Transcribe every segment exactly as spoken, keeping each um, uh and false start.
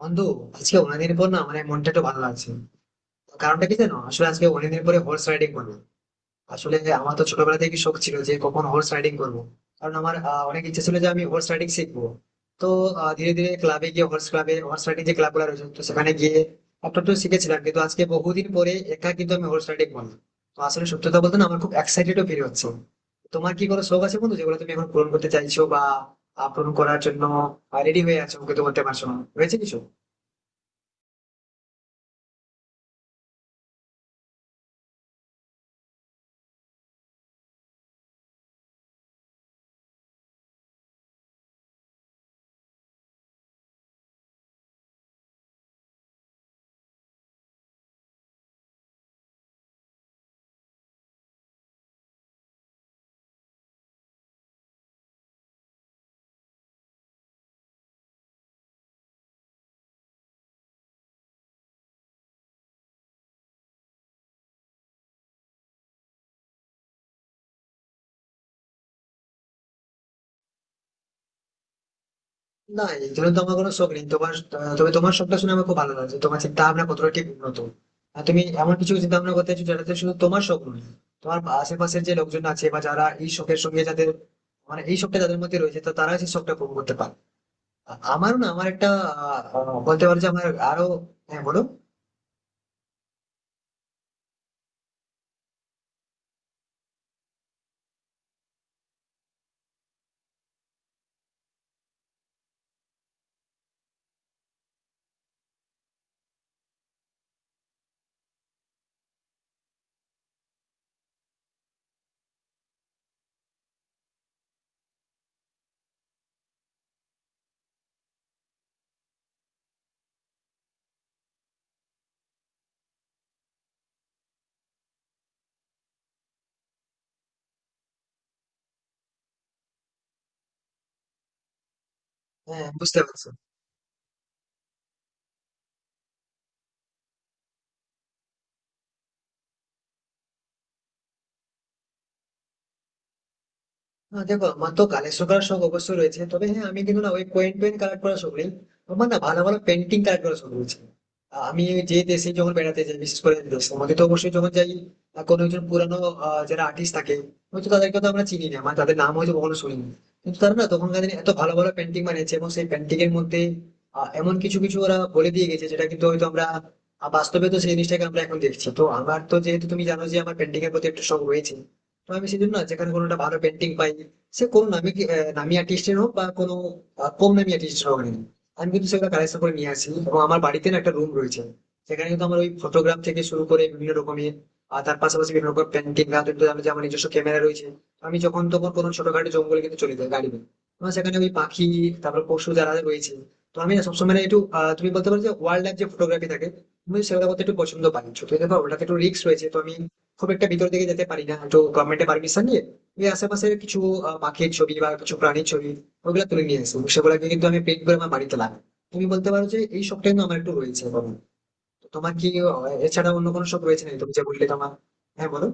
বন্ধু, আজকে অনেকদিন পর, না মানে মনটা একটু ভালো লাগছে। তো কারণটা কি জানো, আসলে আজকে অনেকদিন পরে হর্স রাইডিং করবো। আসলে আমার তো ছোটবেলা থেকে শখ ছিল যে কখন হর্স রাইডিং করবো। কারণ আমার আহ, অনেক ইচ্ছে ছিল যে আমি হর্স রাইডিং শিখবো। তো আহ, ধীরে ধীরে ক্লাবে গিয়ে, হর্স ক্লাবে হর্স রাইডিং যে ক্লাবগুলো রয়েছে, তো সেখানে গিয়ে একটু একটু শিখেছিলাম। কিন্তু আজকে বহুদিন পরে একা কিন্তু আমি হর্স রাইডিং করলাম। তো আসলে সত্যি কথা বলতে না, আমার খুব এক্সাইটেডও ফিল হচ্ছে। তোমার কি কোনো শখ আছে বন্ধু, যেগুলো তুমি এখন পূরণ করতে চাইছো, বা আহ, পূরণ করার জন্য রেডি হয়ে আছো কিন্তু করতে পারছো না, রয়েছে কিছু? না, এগুলো তো আমার কোনো শখ নেই তোমার। আহ, তবে তোমার শখটা শুনে আমার খুব ভালো লাগছে, তোমার চিন্তা ভাবনা কতটা ঠিক উন্নত। আর তুমি এমন কিছু চিন্তা ভাবনা করতে চাইছো যেটাতে শুধু তোমার শখ নয়, তোমার আশেপাশের যে লোকজন আছে বা যারা এই শখের সঙ্গে যাদের, মানে এই শখটা যাদের মধ্যে রয়েছে, তো তারা সেই শখটা পূরণ করতে পারে। আ- আমারও না আমার একটা আহ, আহ, বলতে পারো যে আমার আরো। হ্যাঁ বলো। হ্যাঁ বুঝতে পারছি। আহ, দেখো আমার তো কালেকশন করার শখ অবশ্যই রয়েছে, তবে হ্যাঁ আমি কিন্তু না ওই কয়েন টয়েন কালেক্ট করার শখ নেই। আমার না ভালো ভালো পেন্টিং কালেক্ট করার শখ রয়েছে। আহ, আমি যে দেশে যখন বেড়াতে যাই, বিশেষ করে দেশ আমাকে তো অবশ্যই যখন যাই, আহ, কোনো একজন পুরানো আহ, যারা আর্টিস্ট থাকে, হয়তো তাদেরকে তো আমরা চিনি না, মানে তাদের নাম হয়তো কখনো শুনিনি, কিন্তু তারা না তখনকার দিনে এত ভালো ভালো পেন্টিং বানিয়েছে এবং সেই পেন্টিং এর মধ্যে আহ, এমন কিছু কিছু ওরা বলে দিয়ে গেছে যেটা কিন্তু হয়তো আমরা আহ, বাস্তবে তো সেই জিনিসটাকে আমরা এখন দেখছি। তো আমার তো, যেহেতু তুমি জানো যে আমার পেন্টিং এর প্রতি একটা শখ রয়েছে, তো আমি সেজন্য না যেখানে কোনোটা ভালো পেন্টিং পাই, সে কোনো নামি কি- আহ, নামি আর্টিস্টের হোক বা কোনো আহ, কম নামি আর্টিস্টের হোক না কেন, আমি কিন্তু সেগুলো কালেকশন করে নিয়ে আসি এবং আমার বাড়িতে না একটা রুম রয়েছে। সেখানে কিন্তু আমার ওই ফটোগ্রাফ থেকে শুরু করে বিভিন্ন রকমের, আর তার পাশাপাশি বিভিন্ন রকম পেন্টিং না, কিন্তু আমি যে, আমার নিজস্ব ক্যামেরা রয়েছে। আমি যখন তখন কোনো ছোটখাটো জঙ্গলে কিন্তু চলে যাই গাড়ি নিয়ে। আমার সেখানে ওই পাখি, তারপর পশু যারা রয়েছে, তো আমি না সবসময় না একটু, আহ, তুমি বলতে পারো যে ওয়াইল্ড লাইফ যে ফটোগ্রাফি থাকে, আমি সেগুলো করতে একটু পছন্দ পাই ছোট থেকে। ওটাতে একটু রিস্ক রয়েছে, তো আমি খুব একটা ভিতর দিকে যেতে পারি না, তো গভর্নমেন্টের পারমিশন নিয়ে আমি আশেপাশে কিছু আহ, পাখির ছবি বা কিছু প্রাণীর ছবি, ওগুলো তুলে নিয়ে আসি। সেগুলোকে কিন্তু আমি পেন্ট করে আমার বাড়িতে লাগাই। তুমি বলতে পারো যে এই শখটা কিন্তু আমার একটু রয়েছে। এবং তোমার কি আহ, এছাড়া অন্য কোনো শখ রয়েছে নাকি, তুমি যে বললে তোমার? হ্যাঁ বলো।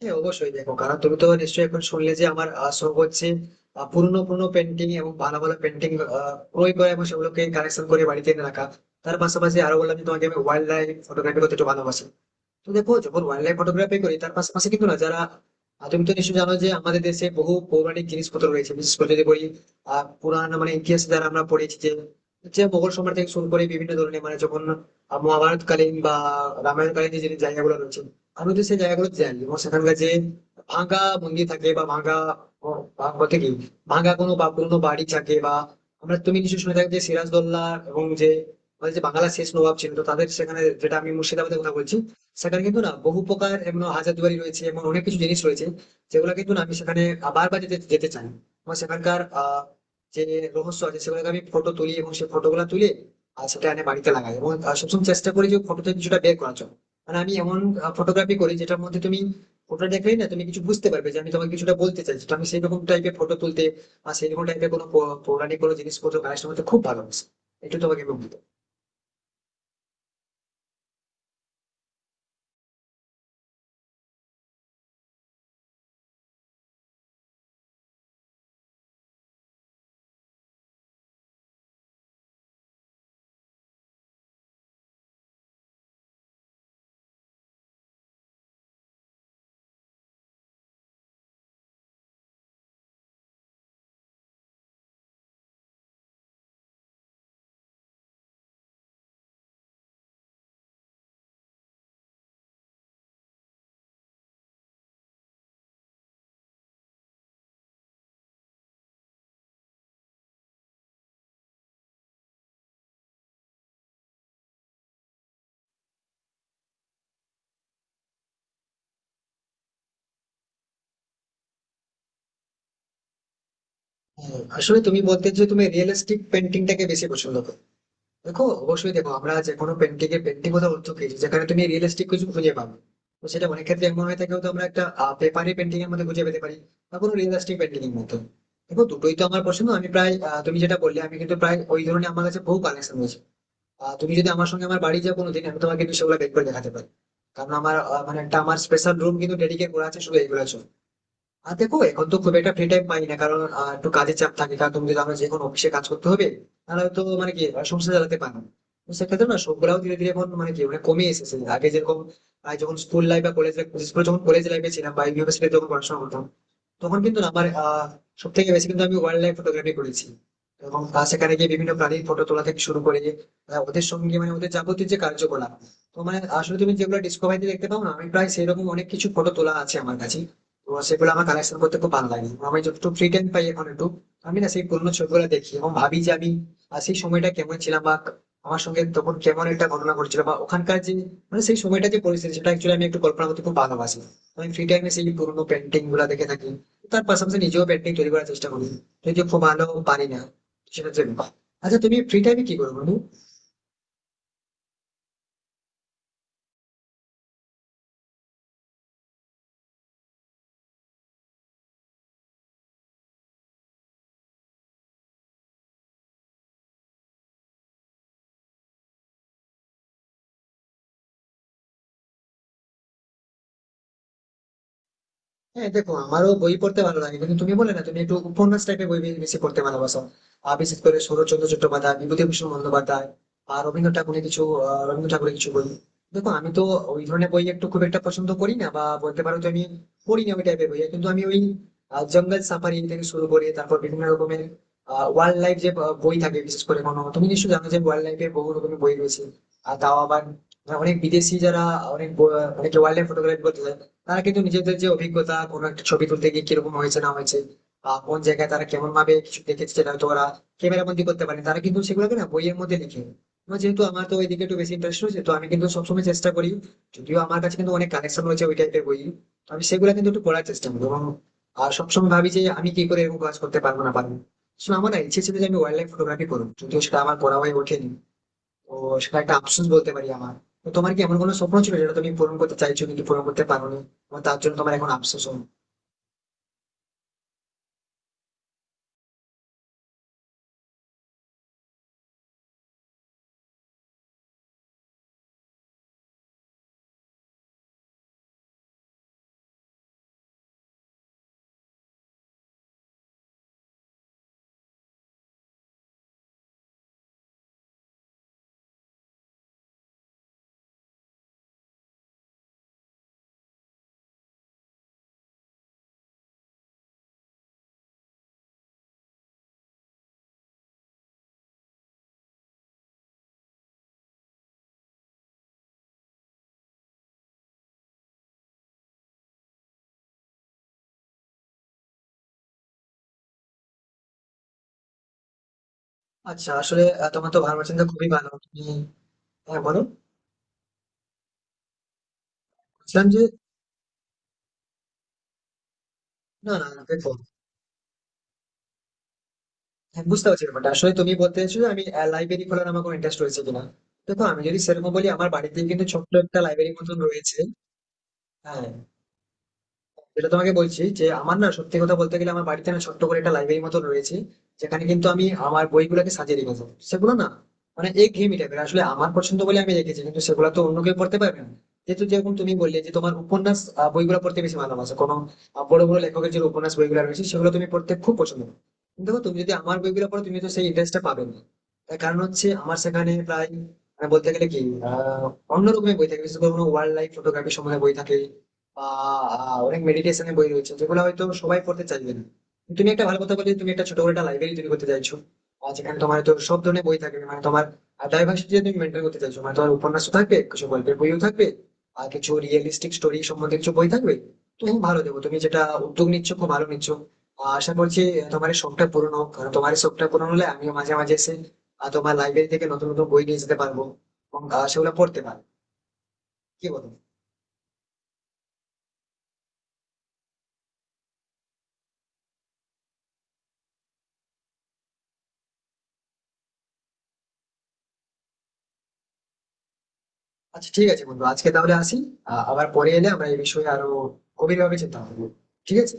হ্যাঁ অবশ্যই, দেখো কারণ তুমি তো নিশ্চয়ই এখন শুনলে যে আমার আহ, শখ হচ্ছে আহ, পুরনো পুরনো পেন্টিং এবং ভালো ভালো পেন্টিং ক্রয় করা এবং সেগুলোকে কালেকশন করে বাড়িতে এনে রাখা। তার পাশাপাশি আরো বললাম যে তোমাকে, আমি ওয়াইল্ড লাইফ ফটোগ্রাফি করতে একটু ভালোবাসি। তো দেখো যখন ওয়াইল্ড লাইফ ফটোগ্রাফি করি তার পাশাপাশি কিন্তু না যারা, আহ, তুমি তো নিশ্চয়ই জানো যে আমাদের দেশে বহু পৌরাণিক জিনিসপত্র রয়েছে। বিশেষ করে যদি বলি আহ পুরাণ মানে ইতিহাস যারা আমরা পড়েছি, যে যে মোগল সম্রাট থেকে শুরু করে বিভিন্ন ধরনের, মানে যখন আহ, মহাভারতকালীন বা রামায়ণকালীন যে যে জায়গাগুলো রয়েছে, আমি তো সেই জায়গাগুলো জানি এবং সেখানকার যে ভাঙা মন্দির থাকে বা ভাঙা, ও, ভা- বলতে কি, ভাঙা কোনো বা পুরোনো বাড়ি থাকে বা, আমরা, তুমি নিশ্চয়ই শুনে থাকবে যে সিরাজদৌল্লা এবং যে আমাদের যে বাংলার শেষ নবাব ছিল, তো তাদের সেখানে, যেটা আমি মুর্শিদাবাদের কথা বলছি, সেখানে কিন্তু না বহু প্রকার এমন হাজারদুয়ারি রয়েছে, এমন অনেক কিছু জিনিস রয়েছে যেগুলো কিন্তু না আমি সেখানে বারবার যেতে যেতে চাই। আমার সেখানকার আহ যে রহস্য আছে সেগুলোকে আমি ফটো তুলি এবং সেই ফটোগুলো তুলে আর সেটা এনে বাড়িতে লাগাই এবং আহ, সবসময় চেষ্টা করি যে ফটোতে কিছুটা বের করার জন্য। মানে আমি এমন ফটোগ্রাফি করি যেটার মধ্যে তুমি ফটো দেখলেই না তুমি কিছু বুঝতে পারবে যে আমি তোমাকে কিছুটা বলতে চাইছি। তো আমি সেই রকম টাইপের ফটো তুলতে বা সেই রকম টাইপের কোনো পৌ- পৌরাণিক কোনো জিনিসপত্র কালেকশন করতে খুব ভালোবাসি। একটু তোমাকে বলতে। আসলে তুমি বলতে যে তুমি রিয়েলিস্টিক পেন্টিংটাকে বেশি পছন্দ করো। দেখো অবশ্যই, দেখো আমরা যে কোনো পেন্টিং এর পেন্টিং কোথাও অর্থ পেয়েছি যেখানে তুমি রিয়েলিস্টিক কিছু খুঁজে পাবে, তো সেটা অনেক ক্ষেত্রে এমন হয়ে থাকে, হয়তো আমরা একটা পেপারি পেন্টিং এর মধ্যে খুঁজে পেতে পারি বা কোনো রিয়েলিস্টিক পেন্টিং এর মধ্যে। দেখো দুটোই তো আমার পছন্দ। আমি প্রায় আহ, তুমি যেটা বললে, আমি কিন্তু প্রায় ওই ধরনের আমার কাছে বহু কালেকশন রয়েছে। আহ, তুমি যদি আমার সঙ্গে আমার বাড়ি যাও কোনোদিন, আমি তোমাকে কিন্তু সেগুলো বের করে দেখাতে পারি। কারণ আমার আহ, মানে একটা আমার স্পেশাল রুম কিন্তু ডেডিকেট করা আছে শুধু এইগুলোর জন্য। আর দেখো এখন তো খুব একটা ফ্রি টাইম পাই না, কারণ আহ, একটু কাজের চাপ থাকে। কারণ তুমি যদি আমার যে কোনো অফিসে কাজ করতে হবে, তাহলে তো মানে কি আহ, সংসার চালাতে পারো না। তো সেক্ষেত্রে না সবগুলাও ধীরে ধীরে এখন মানে কি, মানে কমে এসেছে। আগে যেরকম আহ, যখন স্কুল লাইফ বা কলেজ লাইফ, যখন কলেজ লাইফে ছিলাম বা ইউনিভার্সিটি যখন পড়াশোনা করতাম, তখন কিন্তু না আমার আহ সব থেকে বেশি কিন্তু আমি ওয়াইল্ড লাইফ ফটোগ্রাফি করেছি। এবং আহ, সেখানে গিয়ে বিভিন্ন প্রাণীর ফটো তোলা থেকে শুরু করে আহ, ওদের সঙ্গে, মানে ওদের যাবতীয় যে কার্যকলাপ, তো মানে আসলে তুমি যেগুলো ডিসকভারিতে দেখতে পাও না, আমি প্রায় সেরকম অনেক কিছু ফটো তোলা আছে আমার কাছে। তো সেগুলো আমার কালেকশন করতে খুব ভালো লাগে। আমি যতটুকু ফ্রি টাইম পাই এখন একটু, আমি না সেই পুরোনো ছবিগুলো দেখি এবং ভাবি যে আমি আহ, সেই সময়টা কেমন ছিলাম বা আমার সঙ্গে তখন কেমন একটা ঘটনা ঘটছিল বা ওখানকার যে, মানে সেই সময়টা যে পরিস্থিতি সেটা অ্যাকচুয়ালি আমি একটু কল্পনা করতে খুব ভালোবাসি। আমি ফ্রি টাইমে সেই পুরোনো পেন্টিং গুলা দেখে থাকি। তার পাশাপাশি নিজেও পেন্টিং তৈরি করার চেষ্টা করি, যদিও খুব ভালো পারি না সেটা জন্য। আচ্ছা তুমি ফ্রি টাইমে কি করো বন্ধু? হ্যাঁ দেখো, আমারও বই পড়তে ভালো লাগে। কিন্তু তুমি বলে না তুমি একটু উপন্যাস টাইপের বই বে- বেশি পড়তে ভালোবাসো, আর বিশেষ করে শরৎচন্দ্র চট্টোপাধ্যায়, বিভূতিভূষণ বন্দ্যোপাধ্যায় আর রবীন্দ্র ঠাকুরের কিছু আহ, রবীন্দ্র ঠাকুরের কিছু বই। দেখো আমি তো ওই ধরনের বই একটু খুব একটা পছন্দ করি না, বা বলতে পারো তো আমি পড়ি না ওই টাইপের বই। কিন্তু আমি ওই আহ, জঙ্গল সাফারি থেকে শুরু করে তারপর বিভিন্ন রকমের ওয়াইল্ড লাইফ যে আহ, বই থাকে, বিশেষ করে কোনো, তুমি নিশ্চয়ই জানো যে ওয়াইল্ড লাইফে বহু রকমের বই রয়েছে। আর তাও আবার অনেক বিদেশি যারা, অনেক ব- অনেকে ওয়াইল্ড লাইফ ফটোগ্রাফি করতে চায়, তারা কিন্তু নিজেদের যে অভিজ্ঞতা কোনো একটা ছবি তুলতে গিয়ে কিরকম হয়েছে না হয়েছে বা কোন জায়গায় তারা কেমন ভাবে কিছু দেখেছে, সেটা হয়তো ওরা ক্যামেরা বন্দি করতে পারেনি, তারা কিন্তু সেগুলোকে না বইয়ের মধ্যে লিখে। এবার যেহেতু আমার তো ওইদিকে একটু বেশি ইন্টারেস্ট রয়েছে, তো আমি কিন্তু সবসময় চেষ্টা করি। যদিও আমার কাছে কিন্তু অনেক কালেকশন রয়েছে ওই টাইপের বই, তো আমি সেগুলো কিন্তু একটু পড়ার চেষ্টা করি এবং আর সবসময় ভাবি যে আমি কি করে এরকম কাজ করতে পারবো না পারবো। So আমার না ইচ্ছে ছিল যে আমি ওয়াইল্ড লাইফ ফটোগ্রাফি করবো, যদিও সেটা আমার করা হয়ে ওঠেনি। তো সেটা একটা আফসোস বলতে পারি আমার। তো তোমার কি এমন কোনো স্বপ্ন ছিল যেটা তুমি পূরণ করতে চাইছো কিন্তু পূরণ করতে পারোনি, এবং তার জন্য তোমার এখন আফসোস হয়? আচ্ছা আসলে আহ, তোমার তো ভালোবাসাটা খুবই ভালো, তুমি। হ্যাঁ বলো। বলছিলাম যে, না না না, দেখো। হ্যাঁ, বুঝতে পারছি ব্যাপারটা, আসলে তুমি বলতে চাইছো যে আমি লাইব্রেরি খোলার আমার কোনো ইন্টারেস্ট রয়েছে কিনা। দেখো আমি যদি সেরকম বলি, আমার বাড়িতে কিন্তু ছোট্ট একটা লাইব্রেরি মতন রয়েছে। হ্যাঁ, যেটা তোমাকে বলছি যে আমার না, সত্যি কথা বলতে গেলে আমার বাড়িতে না ছোট্ট করে একটা লাইব্রেরি মতো রয়েছে, যেখানে কিন্তু আমি আমার বইগুলোকে সাজিয়ে রেখেছি। সেগুলো না মানে একঘেয়েমি টাইপের, আসলে আমার পছন্দ বলে আমি রেখেছি, কিন্তু সেগুলো তো অন্য কেউ পড়তে পারবে না। যেহেতু যেরকম তুমি বললে যে তোমার উপন্যাস আহ, বইগুলো পড়তে বেশি ভালোবাসো, কোনো আহ, বড় বড় লেখকের যে উপন্যাস বইগুলো রয়েছে সেগুলো তুমি পড়তে খুব পছন্দ করো। কিন্তু দেখো তুমি যদি আমার বইগুলো পড়ো তুমি তো সেই ইন্টারেস্টটা পাবে না। তার কারণ হচ্ছে আমার সেখানে প্রায় আহ, বলতে গেলে কি আহ অন্যরকমের বই থাকে, বিশেষ করে কোনো ওয়াইল্ড লাইফ ফটোগ্রাফি সম্বন্ধে বই থাকে। আহ আহ, অনেক মেডিটেশনের বই রয়েছে, যেগুলো হয়তো সবাই পড়তে চাইবে না। তুমি একটা ভালো কথা বলে, তুমি একটা ছোট করে একটা লাইব্রেরি তৈরি করতে চাইছো, আর যেখানে তোমার তো সব ধরনের বই থাকবে। মানে তোমার ডাইভার্সিটি তুমি মেনটেন করতে চাইছো, মানে তোমার উপন্যাস থাকবে, কিছু গল্পের বইও থাকবে, আর কিছু রিয়েলিস্টিক স্টোরি সম্বন্ধে কিছু বই থাকবে। তুমি ভালো দেবো, তুমি যেটা উদ্যোগ নিচ্ছ খুব ভালো নিচ্ছ। আহ, আশা করছি আহ, তোমার এই শখটা পূরণ হোক, কারণ তোমার এই শখটা পূরণ হলে আমিও মাঝে মাঝে এসে আহ, তোমার লাইব্রেরি থেকে নতুন নতুন বই নিয়ে যেতে পারবো এবং আহ, সেগুলো পড়তে পারবো। কি বলো? আচ্ছা ঠিক আছে বন্ধু, আজকে তাহলে আসি। আহ, আবার পরে এলে আমরা এই বিষয়ে আরো গভীরভাবে চিন্তা করবো। ঠিক আছে?